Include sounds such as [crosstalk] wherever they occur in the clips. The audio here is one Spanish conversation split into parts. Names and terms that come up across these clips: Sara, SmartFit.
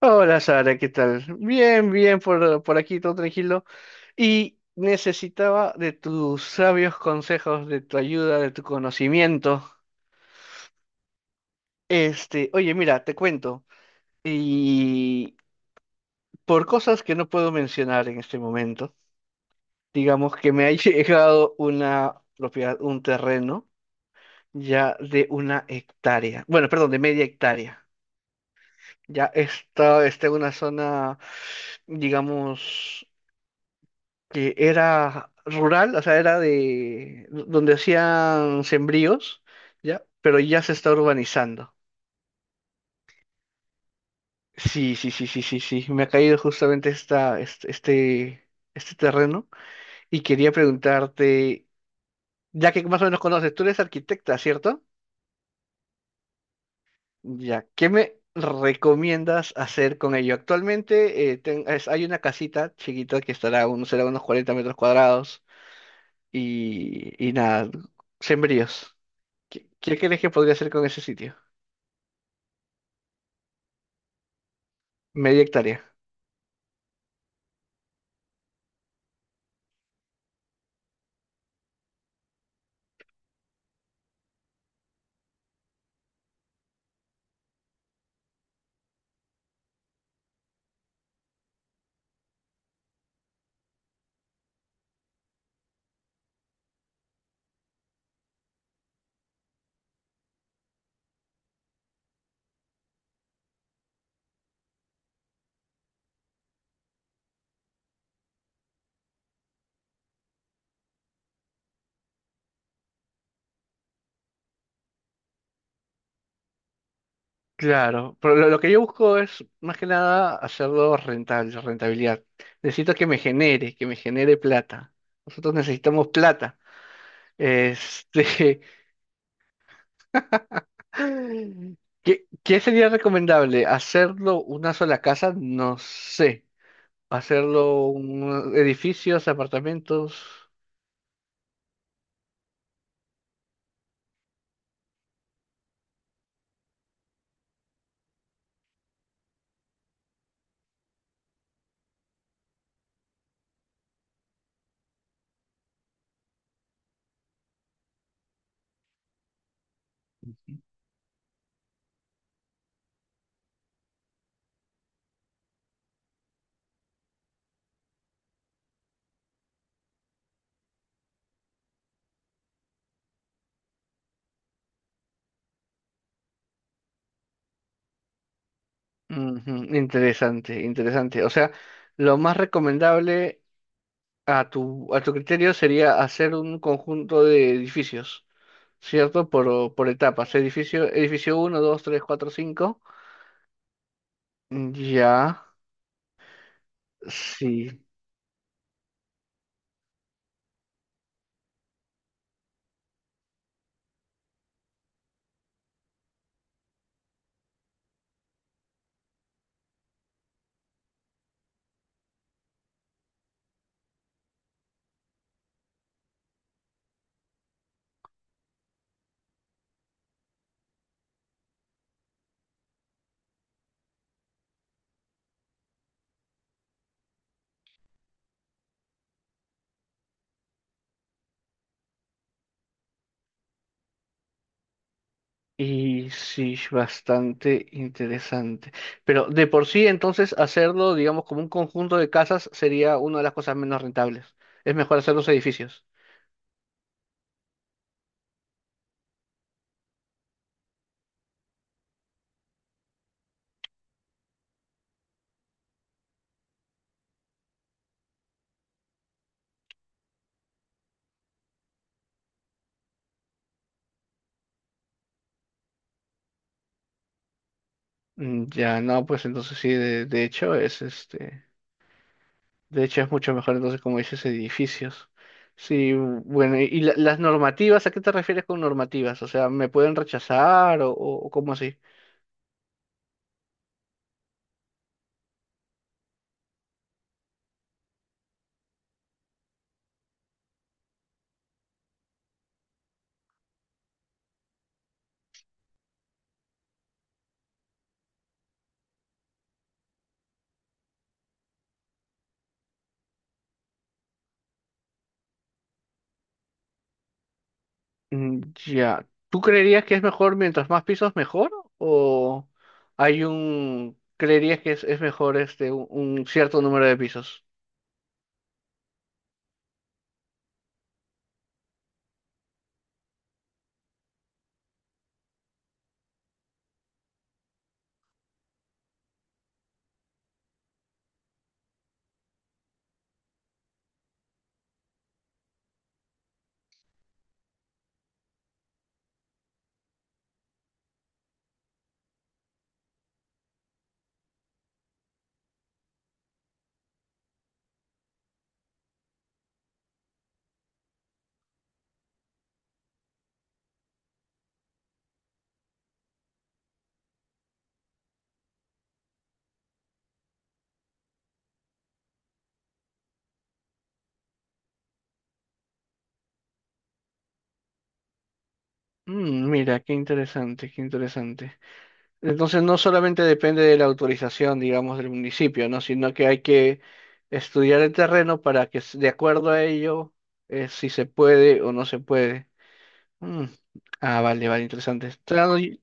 Hola Sara, ¿qué tal? Bien, bien, por aquí todo tranquilo. Y necesitaba de tus sabios consejos, de tu ayuda, de tu conocimiento. Oye, mira, te cuento. Y por cosas que no puedo mencionar en este momento, digamos que me ha [laughs] llegado una propiedad, un terreno ya de una hectárea. Bueno, perdón, de media hectárea. Ya está en una zona, digamos, que era rural, o sea, era de donde hacían sembríos, ¿ya? Pero ya se está urbanizando. Sí, sí, sí, sí, sí, sí. Me ha caído justamente este terreno y quería preguntarte, ya que más o menos conoces, tú eres arquitecta, ¿cierto? Ya, ¿qué me recomiendas hacer con ello? Actualmente hay una casita chiquita que estará, unos será unos 40 metros cuadrados. Y nada, sembríos. ¿Qué crees que podría hacer con ese sitio? Media hectárea. Claro, pero lo que yo busco es más que nada hacerlo rentable, rentabilidad. Necesito que me genere plata. Nosotros necesitamos plata. Este, [laughs] ¿qué sería recomendable? ¿Hacerlo una sola casa? No sé. ¿Hacerlo edificios, apartamentos? Ujú, interesante, interesante. O sea, lo más recomendable, A tu, a tu criterio sería hacer un conjunto de edificios, ¿cierto? Por etapas. Edificio, edificio uno 2 3 4 cinco. Mm, ya, sí. Y sí, es bastante interesante. Pero de por sí, entonces, hacerlo, digamos, como un conjunto de casas sería una de las cosas menos rentables. Es mejor hacer los edificios. Mm, ya, no, pues entonces sí, de hecho, es este. De hecho, es mucho mejor entonces, como dices, edificios. Sí, bueno, ¿y las normativas? ¿A qué te refieres con normativas? O sea, ¿me pueden rechazar o cómo así? Mm, ya, ¿tú creerías que es mejor mientras más pisos mejor? ¿O hay creerías que es mejor un cierto número de pisos? Mm, mira, qué interesante, qué interesante. Entonces no solamente depende de la autorización, digamos, del municipio, ¿no? Sino que hay que estudiar el terreno para que de acuerdo a ello, si se puede o no se puede. Mm. Ah, vale, vale, interesante. Claro.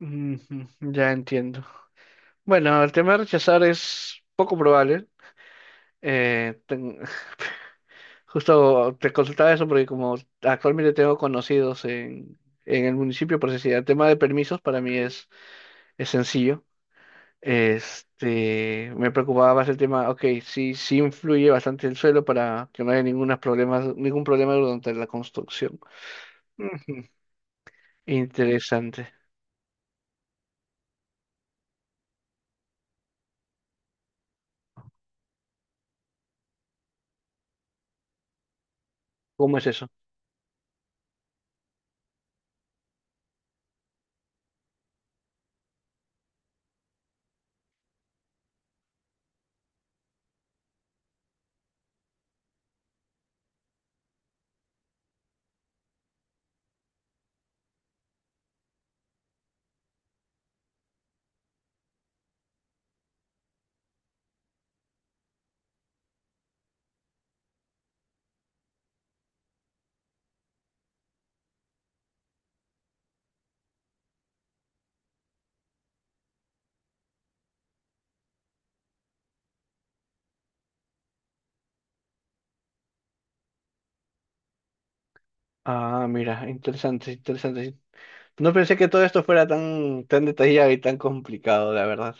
Ujú, ya entiendo. Bueno, el tema de rechazar es poco probable. Eh, ten- [laughs] Justo te consultaba eso porque como actualmente tengo conocidos en el municipio, por decir, el tema de permisos para mí es sencillo. Me preocupaba más el tema, ok, sí, sí influye bastante el suelo para que no haya ningún problema durante la construcción. Ujú. Interesante. ¿Cómo es eso? Ah, mira, interesante, interesante. No pensé que todo esto fuera tan, tan detallado y tan complicado, la verdad.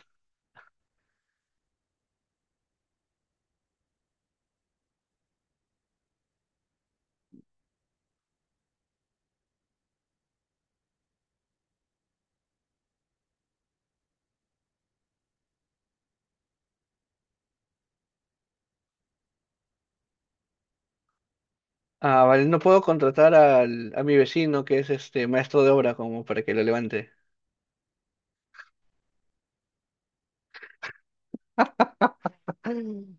Ah, vale, no puedo contratar a mi vecino que es este maestro de obra como para que lo levante. Mm.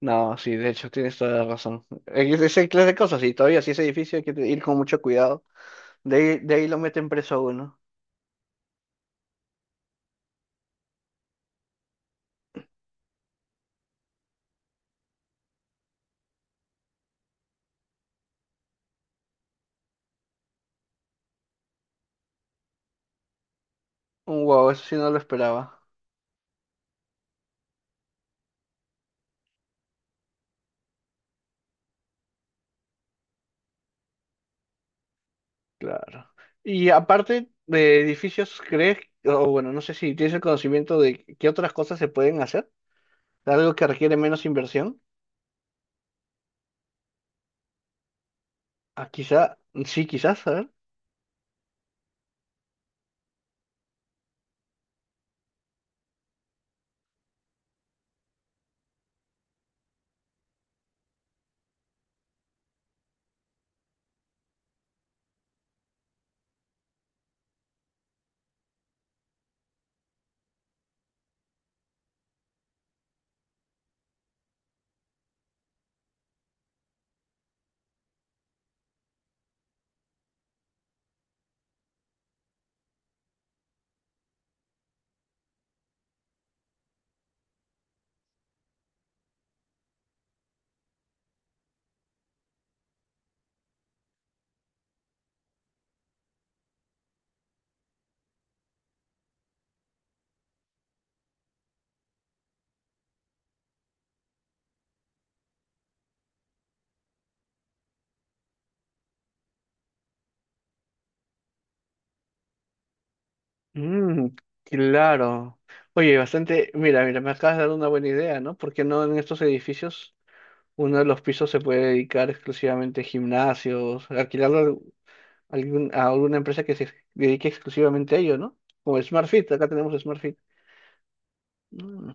No, sí, de hecho, tienes toda la razón. Es esa clase de cosas y todavía si es edificio hay que ir con mucho cuidado. De ahí lo meten preso a uno. Un Wow, eso sí no lo esperaba. Claro. Y aparte de edificios, ¿crees? O bueno, no sé si tienes el conocimiento de qué otras cosas se pueden hacer. Algo que requiere menos inversión. Ah, quizá, sí, quizás, a ver. Mm, claro. Oye, bastante. Mira, mira, me acabas de dar una buena idea, ¿no? Porque no en estos edificios uno de los pisos se puede dedicar exclusivamente a gimnasios, alquilar a alguna empresa que se dedique exclusivamente a ello, ¿no? Como SmartFit, acá tenemos SmartFit. Mm.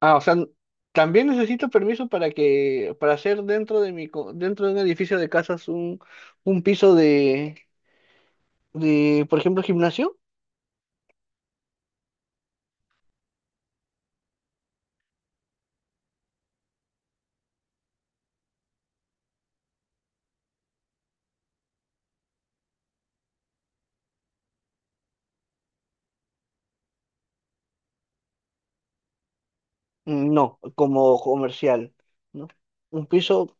Ah, o sea, también necesito permiso para que, para hacer dentro de dentro de un edificio de casas un piso de por ejemplo, gimnasio. Mm, no, como comercial, ¿no? Un piso.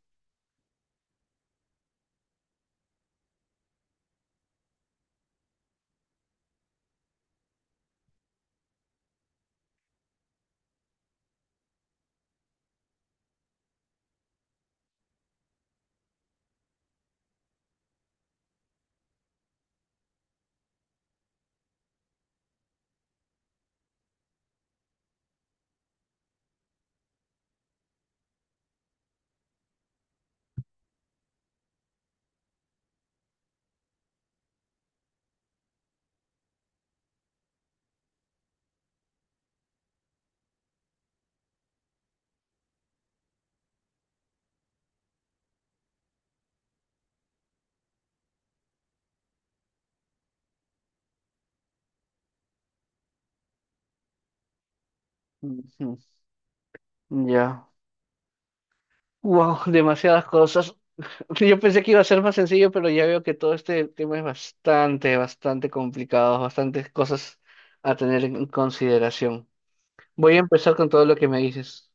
Ujú, ya. Wow, demasiadas cosas. Sí, yo pensé que iba a ser más sencillo, pero ya veo que todo este tema es bastante, bastante complicado, bastantes cosas a tener en consideración. Voy a empezar con todo lo que me dices.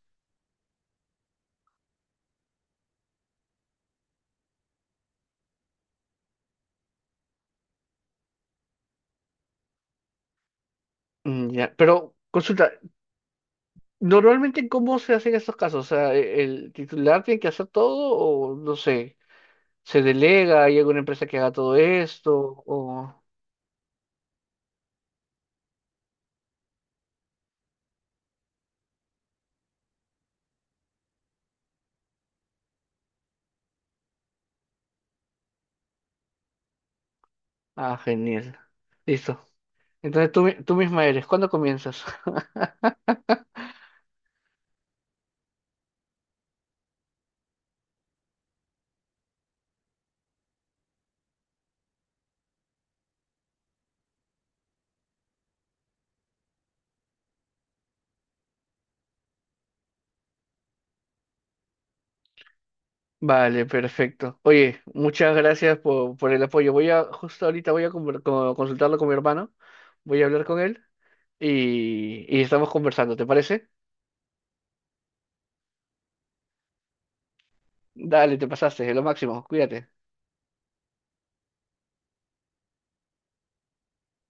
Mm, ya, pero consulta, ¿normalmente cómo se hacen estos casos? O sea, ¿El titular tiene que hacer todo o no sé, se delega, hay alguna empresa que haga todo esto o... Ah, genial. Listo. Entonces tú misma ¿cuándo comienzas? [laughs] Vale, perfecto. Oye, muchas gracias por el apoyo. Justo ahorita voy a consultarlo con mi hermano, voy a hablar con él y estamos conversando, ¿te parece? Dale, te pasaste, es lo máximo, cuídate.